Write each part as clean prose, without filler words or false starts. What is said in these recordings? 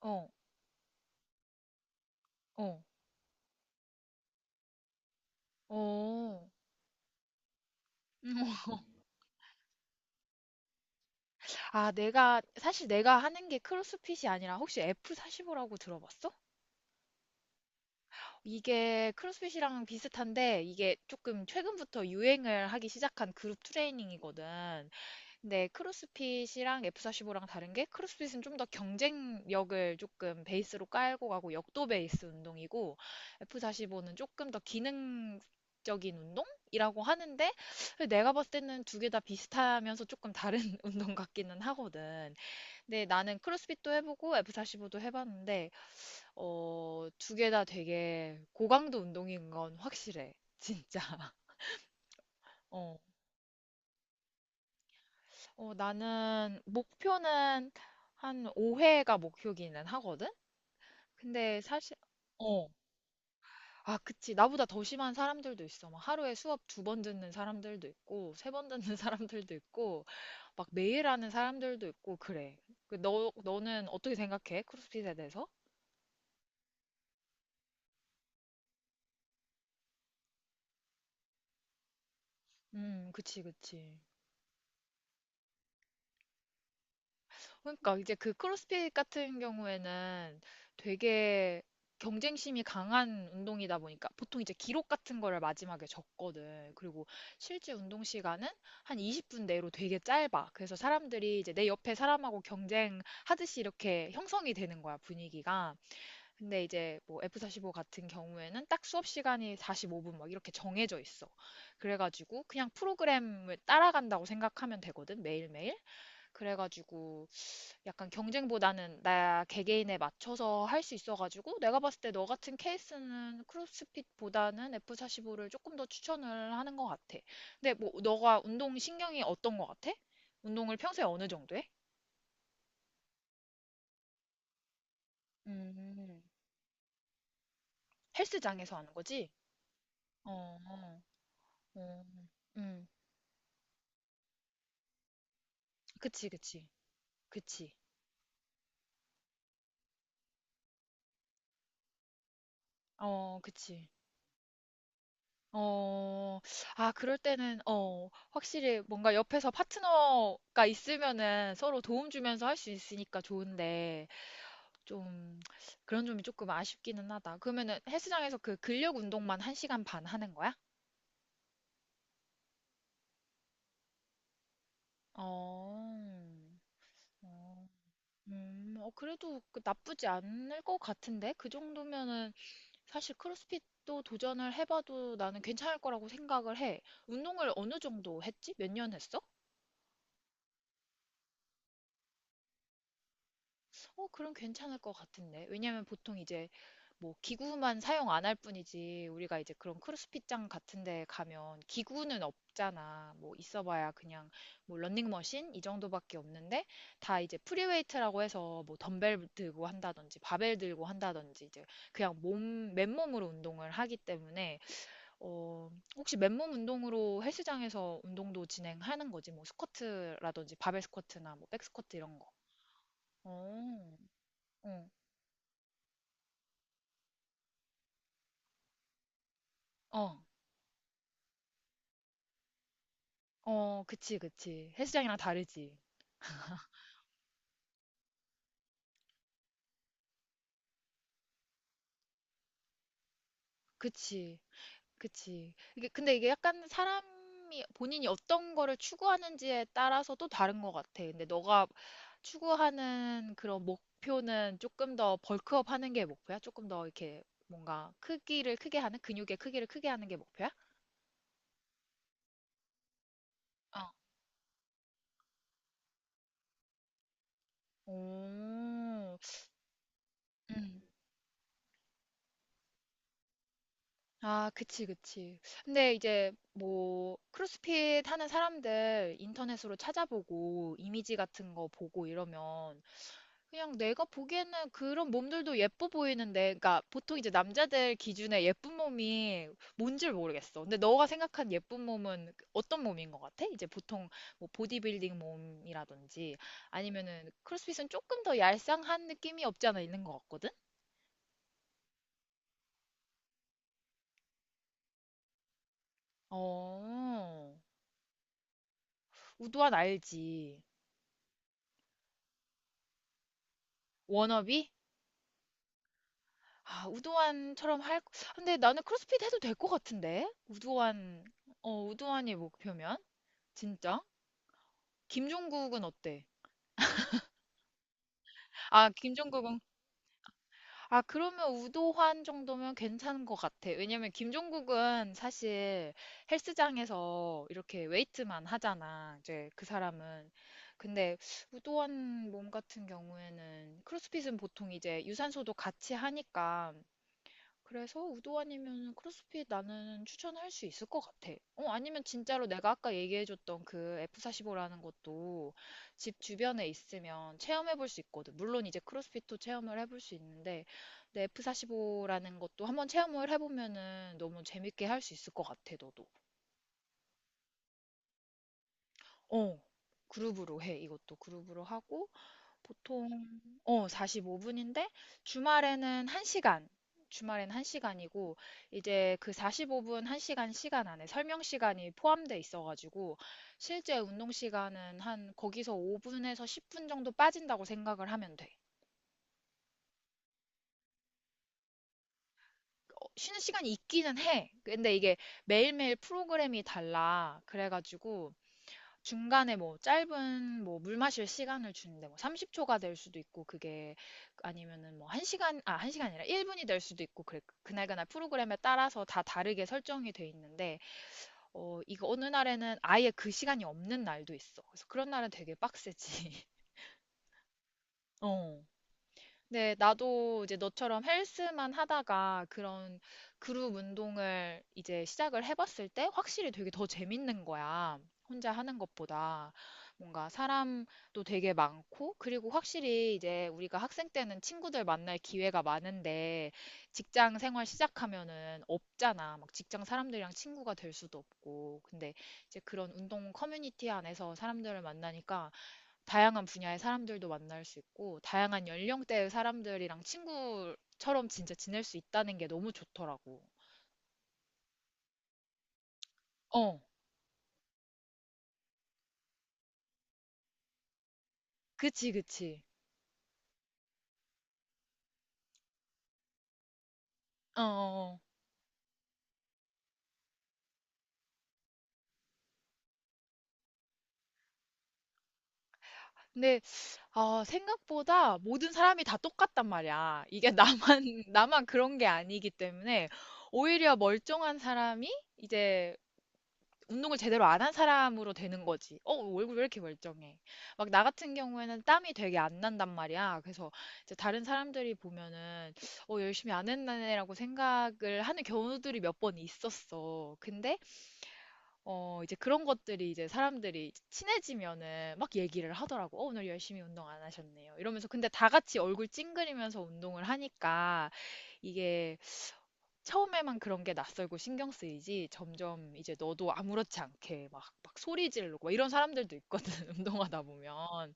어, 어, 어. 음, 아, 사실 내가 하는 게 크로스핏이 아니라 혹시 F45라고 들어봤어? 이게 크로스핏이랑 비슷한데 이게 조금 최근부터 유행을 하기 시작한 그룹 트레이닝이거든. 네, 크로스핏이랑 F45랑 다른 게 크로스핏은 좀 더 경쟁력을 조금 베이스로 깔고 가고 역도 베이스 운동이고 F45는 조금 더 기능적인 운동이라고 하는데 내가 봤을 때는 두개 다 비슷하면서 조금 다른 운동 같기는 하거든. 근데 나는 크로스핏도 해보고 F45도 해봤는데 어, 두 개 다 되게 고강도 운동인 건 확실해. 진짜. 어. 어, 나는 목표는 한 5회가 목표기는 하거든? 근데 사실, 어. 아, 그치. 나보다 더 심한 사람들도 있어. 막 하루에 수업 두 번 듣는 사람들도 있고, 세 번 듣는 사람들도 있고, 막 매일 하는 사람들도 있고, 그래. 그 너는 어떻게 생각해? 크로스핏에 대해서? 그치, 그치. 그러니까 이제 그 크로스핏 같은 경우에는 되게 경쟁심이 강한 운동이다 보니까 보통 이제 기록 같은 거를 마지막에 적거든. 그리고 실제 운동 시간은 한 20분 내로 되게 짧아. 그래서 사람들이 이제 내 옆에 사람하고 경쟁하듯이 이렇게 형성이 되는 거야, 분위기가. 근데 이제 뭐 F45 같은 경우에는 딱 수업 시간이 45분 막 이렇게 정해져 있어. 그래가지고 그냥 프로그램을 따라간다고 생각하면 되거든, 매일매일. 그래가지고 약간 경쟁보다는 나 개개인에 맞춰서 할 수 있어가지고 내가 봤을 때 너 같은 케이스는 크로스핏보다는 F45를 조금 더 추천을 하는 것 같아. 근데 뭐 너가 운동 신경이 어떤 것 같아? 운동을 평소에 어느 정도 해? 음, 헬스장에서 하는 거지? 어, 어, 어, 음, 그치, 그치, 그치, 어, 그치. 어, 아, 그럴 때는, 어, 확실히 뭔가 옆에서 파트너가 있으면은 서로 도움 주면서 할 수 있으니까 좋은데, 좀, 그런 점이 조금 아쉽기는 하다. 그러면은 헬스장에서 그 근력 운동만 1시간 반 하는 거야? 어, 어, 어, 그래도 그 나쁘지 않을 것 같은데? 그 정도면은 사실 크로스핏도 도전을 해봐도 나는 괜찮을 거라고 생각을 해. 운동을 어느 정도 했지? 몇 년 했어? 어, 그럼 괜찮을 것 같은데. 왜냐면 보통 이제 뭐 기구만 사용 안 할 뿐이지 우리가 이제 그런 크로스핏장 같은 데 가면 기구는 없잖아. 뭐 있어봐야 그냥 뭐 런닝머신 이 정도밖에 없는데 다 이제 프리웨이트라고 해서 뭐 덤벨 들고 한다든지 바벨 들고 한다든지 이제 그냥 몸 맨몸으로 운동을 하기 때문에 어 혹시 맨몸 운동으로 헬스장에서 운동도 진행하는 거지 뭐 스쿼트라든지 바벨 스쿼트나 뭐 백스쿼트 이런 거. 어, 어. 어, 어, 그치, 그치. 헬스장이랑 다르지. 그치, 그치. 이게, 근데 이게 약간 사람이 본인이 어떤 거를 추구하는지에 따라서 또 다른 것 같아. 근데 너가 추구하는 그런 목표는 조금 더 벌크업 하는 게 목표야? 조금 더 이렇게 뭔가 크기를 크게 하는, 근육의 크기를 크게 하는 게 목표야? 어. 오, 음. 아, 그치, 그치. 근데 이제 뭐 크로스핏 하는 사람들 인터넷으로 찾아보고 이미지 같은 거 보고 이러면 그냥 내가 보기에는 그런 몸들도 예뻐 보이는데, 그러니까 보통 이제 남자들 기준에 예쁜 몸이 뭔지 모르겠어. 근데 너가 생각한 예쁜 몸은 어떤 몸인 것 같아? 이제 보통 뭐 보디빌딩 몸이라든지 아니면은 크로스핏은 조금 더 얄쌍한 느낌이 없지 않아 있는 것 같거든? 어, 우도환 알지. 워너비? 아, 우도환처럼 할, 근데 나는 크로스핏 해도 될 것 같은데? 우도환, 어, 우도환이 목표면? 진짜? 김종국은 어때? 아, 김종국은, 아, 그러면 우도환 정도면 괜찮은 것 같아. 왜냐면 김종국은 사실 헬스장에서 이렇게 웨이트만 하잖아. 이제 그 사람은. 근데 우도환 몸 같은 경우에는 크로스핏은 보통 이제 유산소도 같이 하니까 그래서 우도 아니면 크로스핏 나는 추천할 수 있을 것 같아. 어, 아니면 진짜로 내가 아까 얘기해줬던 그 F45라는 것도 집 주변에 있으면 체험해볼 수 있거든. 물론 이제 크로스핏도 체험을 해볼 수 있는데, 근데 F45라는 것도 한번 체험을 해보면은 너무 재밌게 할 수 있을 것 같아, 너도. 어, 그룹으로 해. 이것도 그룹으로 하고, 보통 어 45분인데 주말에는 1시간. 주말에는 1시간이고 이제 그 45분 1시간 시간 시간 안에 설명 시간이 포함돼 있어 가지고 실제 운동 시간은 한 거기서 5분에서 10분 정도 빠진다고 생각을 하면 돼. 어, 쉬는 시간이 있기는 해. 근데 이게 매일매일 프로그램이 달라. 그래가지고 중간에 뭐 짧은 뭐 물 마실 시간을 주는데 뭐 30초가 될 수도 있고 그게 아니면은 뭐 1시간 아 1시간이 아니라 1분이 될 수도 있고 그래 그날그날 프로그램에 따라서 다 다르게 설정이 돼 있는데 어 이거 어느 날에는 아예 그 시간이 없는 날도 있어. 그래서 그런 날은 되게 빡세지. 어. 네, 나도 이제 너처럼 헬스만 하다가 그런 그룹 운동을 이제 시작을 해봤을 때 확실히 되게 더 재밌는 거야. 혼자 하는 것보다. 뭔가 사람도 되게 많고, 그리고 확실히 이제 우리가 학생 때는 친구들 만날 기회가 많은데 직장 생활 시작하면은 없잖아. 막 직장 사람들이랑 친구가 될 수도 없고. 근데 이제 그런 운동 커뮤니티 안에서 사람들을 만나니까 다양한 분야의 사람들도 만날 수 있고, 다양한 연령대의 사람들이랑 친구처럼 진짜 지낼 수 있다는 게 너무 좋더라고. 어, 그치, 그치. 어, 어, 어. 근데, 아, 생각보다 모든 사람이 다 똑같단 말이야. 이게 나만, 나만 그런 게 아니기 때문에, 오히려 멀쩡한 사람이 이제 운동을 제대로 안한 사람으로 되는 거지. 어, 얼굴 왜 이렇게 멀쩡해? 막 나 같은 경우에는 땀이 되게 안 난단 말이야. 그래서 이제 다른 사람들이 보면은 어, 열심히 안 했네라고 생각을 하는 경우들이 몇 번 있었어. 근데 어, 이제 그런 것들이 이제 사람들이 친해지면은 막 얘기를 하더라고. 어, 오늘 열심히 운동 안 하셨네요. 이러면서 근데 다 같이 얼굴 찡그리면서 운동을 하니까 이게 처음에만 그런 게 낯설고 신경 쓰이지 점점 이제 너도 아무렇지 않게 막 소리 지르고 막 이런 사람들도 있거든 운동하다 보면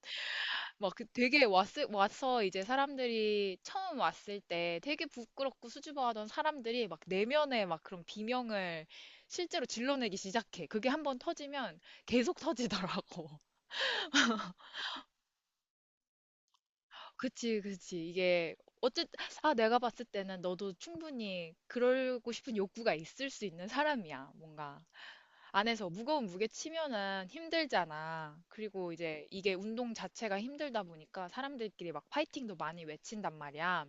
막 그 되게 왔 와서 이제 사람들이 처음 왔을 때 되게 부끄럽고 수줍어하던 사람들이 막 내면에 막 그런 비명을 실제로 질러내기 시작해. 그게 한번 터지면 계속 터지더라고. 그치, 그치. 이게 어쨌 아, 내가 봤을 때는 너도 충분히 그러고 싶은 욕구가 있을 수 있는 사람이야. 뭔가 안에서 무거운 무게 치면은 힘들잖아. 그리고 이제 이게 운동 자체가 힘들다 보니까 사람들끼리 막 파이팅도 많이 외친단 말이야.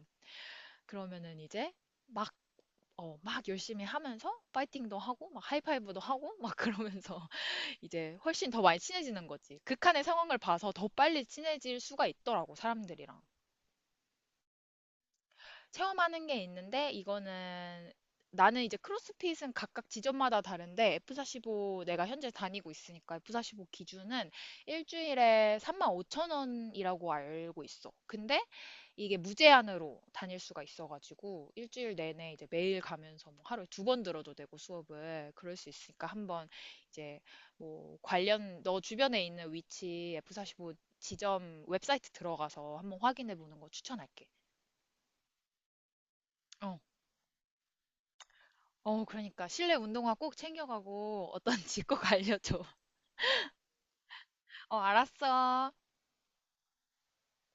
그러면은 이제 막, 막 열심히 하면서 파이팅도 하고, 막 하이파이브도 하고, 막 그러면서 이제 훨씬 더 많이 친해지는 거지. 극한의 상황을 봐서 더 빨리 친해질 수가 있더라고, 사람들이랑. 체험하는 게 있는데 이거는 나는 이제 크로스핏은 각각 지점마다 다른데 F45 내가 현재 다니고 있으니까 F45 기준은 일주일에 35,000원이라고 알고 있어. 근데 이게 무제한으로 다닐 수가 있어가지고 일주일 내내 이제 매일 가면서 뭐 하루에 두 번 들어도 되고 수업을 그럴 수 있으니까 한번 이제 뭐 관련 너 주변에 있는 위치 F45 지점 웹사이트 들어가서 한번 확인해 보는 거 추천할게. 어, 어, 그러니까 실내 운동화 꼭 챙겨가고 어떤지 꼭 알려줘. 어, 알았어.